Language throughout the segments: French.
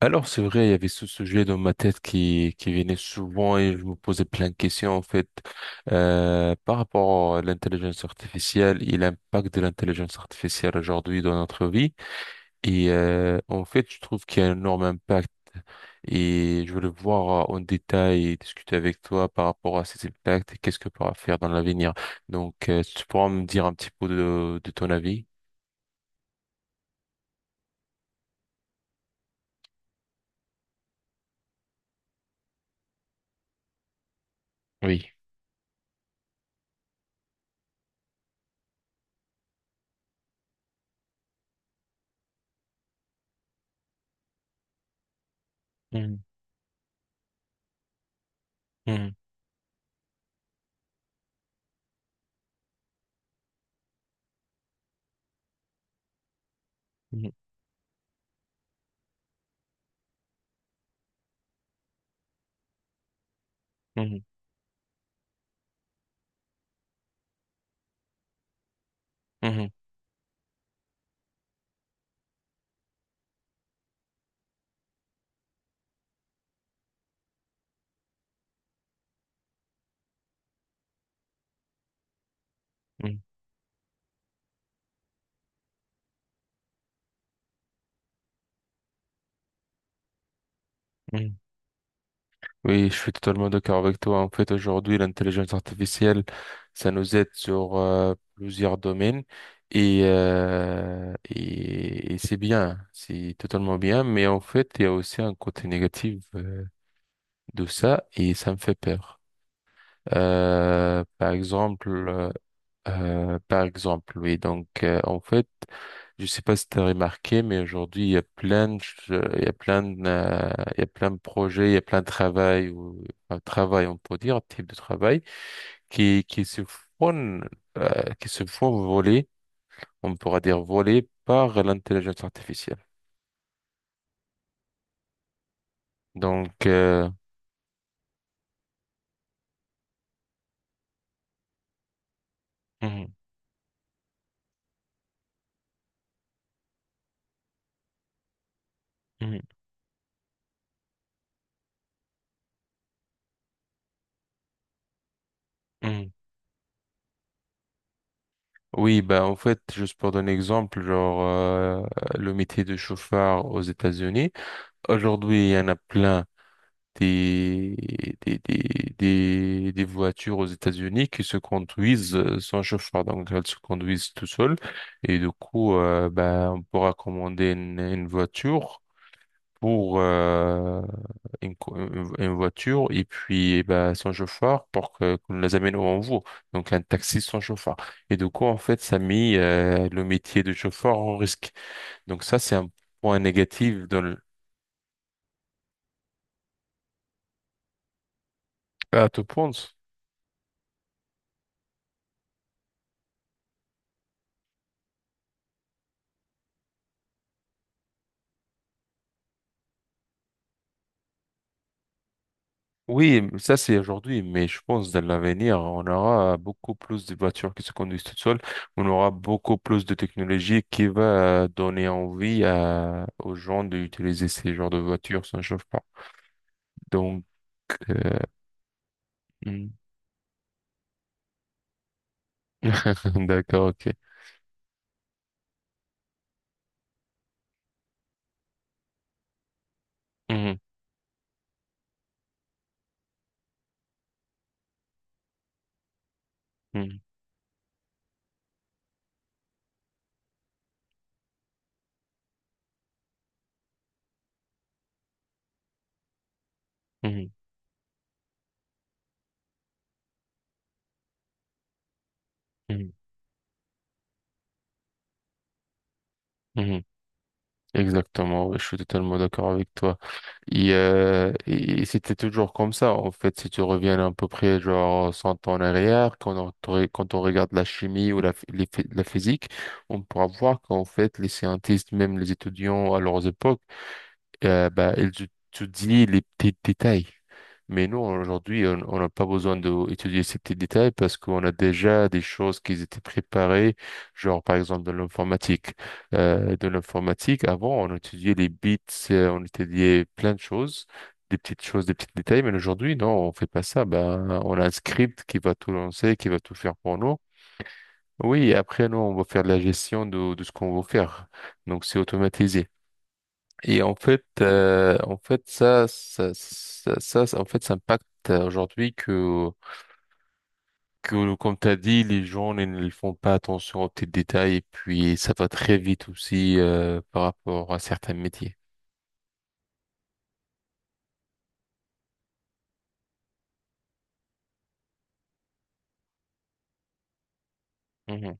Alors, c'est vrai, il y avait ce sujet dans ma tête qui venait souvent et je me posais plein de questions, en fait, par rapport à l'intelligence artificielle et l'impact de l'intelligence artificielle aujourd'hui dans notre vie. Et, en fait, je trouve qu'il y a un énorme impact et je voulais voir en détail et discuter avec toi par rapport à ces impacts et qu'est-ce que pourra faire dans l'avenir. Donc, si tu pourras me dire un petit peu de ton avis? Oui. Mhm, mhm, mhm, mhm, mhm, mhm, mhm. Oui, je suis totalement d'accord avec toi. En fait, aujourd'hui, l'intelligence artificielle, ça nous aide sur plusieurs domaines et c'est bien, c'est totalement bien. Mais en fait, il y a aussi un côté négatif de ça et ça me fait peur. Euh, par exemple, par exemple, oui. Donc, en fait. Je sais pas si tu as remarqué, mais aujourd'hui, il y a plein de projets, il y a plein de travail, ou, enfin, travail, on peut dire, type de travail, qui, qui se font, qui se font voler, on pourra dire voler par l'intelligence artificielle. Donc, mhm, mhm, mhm. Oui, bah, en fait, juste pour donner un exemple, genre, le métier de chauffeur aux États-Unis. Aujourd'hui, il y en a plein des, des, des, des voitures aux États-Unis qui se conduisent sans chauffeur. Donc, elles se conduisent tout seules. Et du coup, ben, on pourra commander une voiture pour une voiture et puis ben, sans chauffeur pour que qu'on les amène où on veut. Donc, un taxi sans chauffeur. Et du coup, en fait, ça a mis le métier de chauffeur en risque. Donc, ça, c'est un point négatif dans le. Ah, tu penses? Oui, mais ça c'est aujourd'hui, mais je pense dans l'avenir, on aura beaucoup plus de voitures qui se conduisent toutes seules. On aura beaucoup plus de technologie qui va donner envie aux gens d'utiliser ces genres de voitures sans chauffement. Donc, euh, hmm. D'accord, ok. Mhm, mhm, mhm, mhm, mhm. Exactement, ouais, je suis totalement d'accord avec toi. Et c'était toujours comme ça, en fait. Si tu reviens à peu près genre 100 ans en arrière, quand on, re- quand on regarde la chimie ou la physique, on pourra voir qu'en fait, les scientifiques, même les étudiants à leurs époques, bah, les petits détails. Mais nous, aujourd'hui, on n'a pas besoin d'étudier ces petits détails parce qu'on a déjà des choses qui étaient préparées, genre par exemple de l'informatique. Dans l'informatique, avant, on étudiait les bits, on étudiait plein de choses, des petites choses, des petits détails, mais aujourd'hui, non, on fait pas ça. Ben, on a un script qui va tout lancer, qui va tout faire pour nous. Oui, et après, nous, on va faire la gestion de ce qu'on veut faire. Donc, c'est automatisé. Et en fait, ça impacte aujourd'hui comme t'as dit, les gens ils ne font pas attention aux petits détails et puis ça va très vite aussi par rapport à certains métiers. Mhm,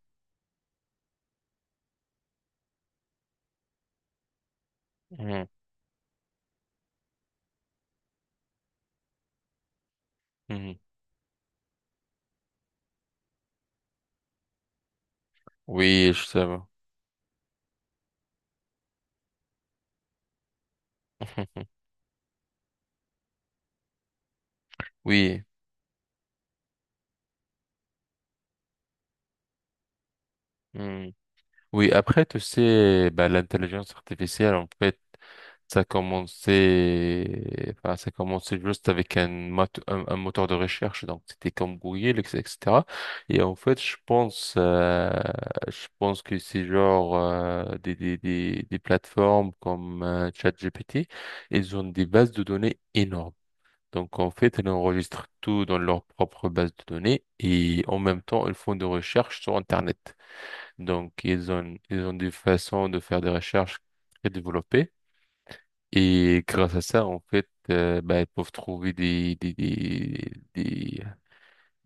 mhm, mhm. Oui, je savais. Oui. Mmh. Oui, après, tu sais, bah, l'intelligence artificielle, en fait, ça a commencé, enfin, ça a commencé juste avec un, mot- un moteur de recherche, donc c'était comme Google, etc. etc. Et en fait, je pense que c'est genre des plateformes comme ChatGPT, ils ont des bases de données énormes. Donc, en fait, elles enregistrent tout dans leur propre base de données et en même temps, elles font des recherches sur Internet. Donc, ils ont des façons de faire des recherches très développées. Et grâce à ça, en fait, bah, ils peuvent trouver des, des, des, des,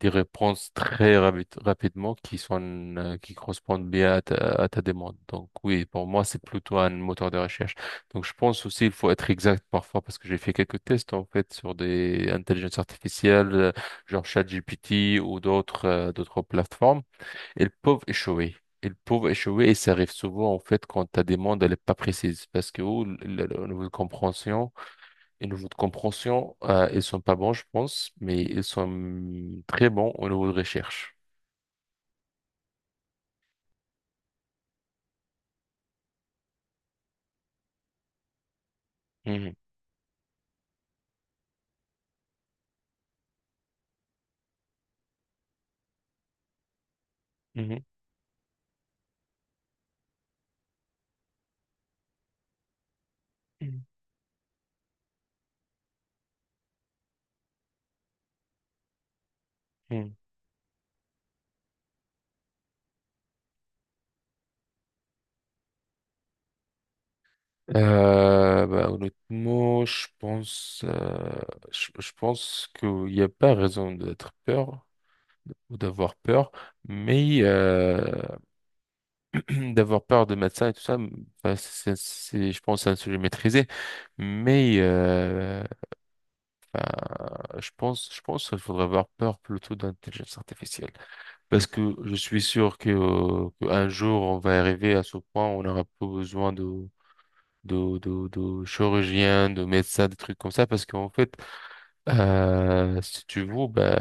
des réponses très rapidement, qui correspondent bien à ta demande. Donc, oui, pour moi, c'est plutôt un moteur de recherche. Donc, je pense aussi il faut être exact parfois parce que j'ai fait quelques tests, en fait, sur des intelligences artificielles, genre ChatGPT ou d'autres plateformes. Ils peuvent échouer. Ils peuvent échouer et ça arrive souvent en fait quand ta demande elle est pas précise parce que oh, le niveau de compréhension, le niveau de compréhension, ils sont pas bons je pense, mais ils sont très bons au niveau de recherche. Mhm, mhm, mhm, mhm. Bah, honnêtement, je pense qu'il n'y a pas raison d'être peur ou d'avoir peur, mais d'avoir peur de médecins et tout ça, enfin, je pense, c'est un sujet maîtrisé. Mais enfin, je pense qu'il faudrait avoir peur plutôt d'intelligence artificielle. Parce que je suis sûr qu'un jour, on va arriver à ce point où on n'aura plus besoin de chirurgiens, de médecins, des trucs comme ça. Parce qu'en fait, si tu veux, bah,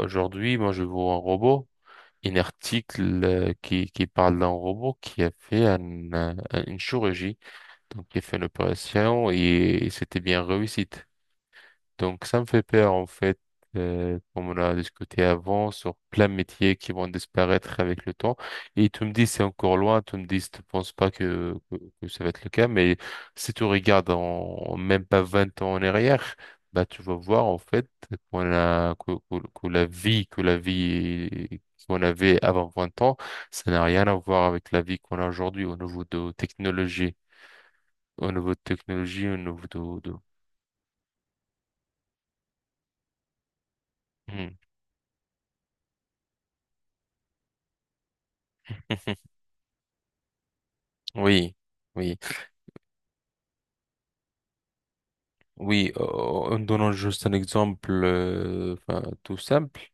aujourd'hui, moi, je vois un article qui parle d'un robot qui a fait une chirurgie. Donc, j'ai fait l'opération et c'était bien réussite. Donc, ça me fait peur, en fait, comme on a discuté avant, sur plein de métiers qui vont disparaître avec le temps. Et tu me dis, c'est encore loin, tu me dis, tu ne penses pas que ça va être le cas, mais si tu regardes en même pas 20 ans en arrière, bah, tu vas voir, en fait, qu'on a, que la vie qu'on avait avant 20 ans, ça n'a rien à voir avec la vie qu'on a aujourd'hui au niveau de technologie, au niveau de. Hmm. Oui, oui, oui. En donnant juste un exemple enfin, tout simple,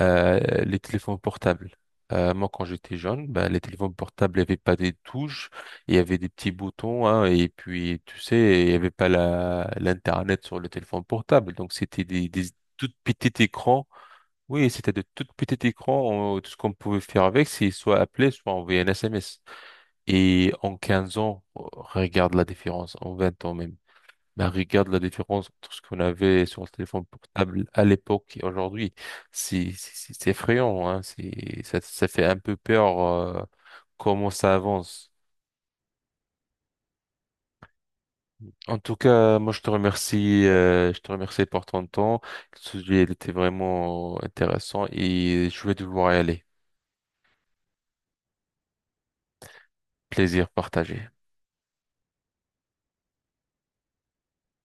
les téléphones portables. Moi, quand j'étais jeune, ben, les téléphones portables n'avaient pas des touches, il y avait des petits boutons, hein, et puis, tu sais, il n'y avait pas l'Internet sur le téléphone portable. Donc, c'était des tout petits écrans. Oui, c'était de tout petits écrans. Tout ce qu'on pouvait faire avec, c'est soit appeler, soit envoyer un SMS. Et en 15 ans, regarde la différence, en 20 ans même. Ben, regarde la différence entre ce qu'on avait sur le téléphone portable à l'époque et aujourd'hui. C'est effrayant, hein. Ça fait un peu peur, comment ça avance. En tout cas, moi, je te remercie pour ton temps. Le sujet, il était vraiment intéressant et je vais devoir y aller. Plaisir partagé.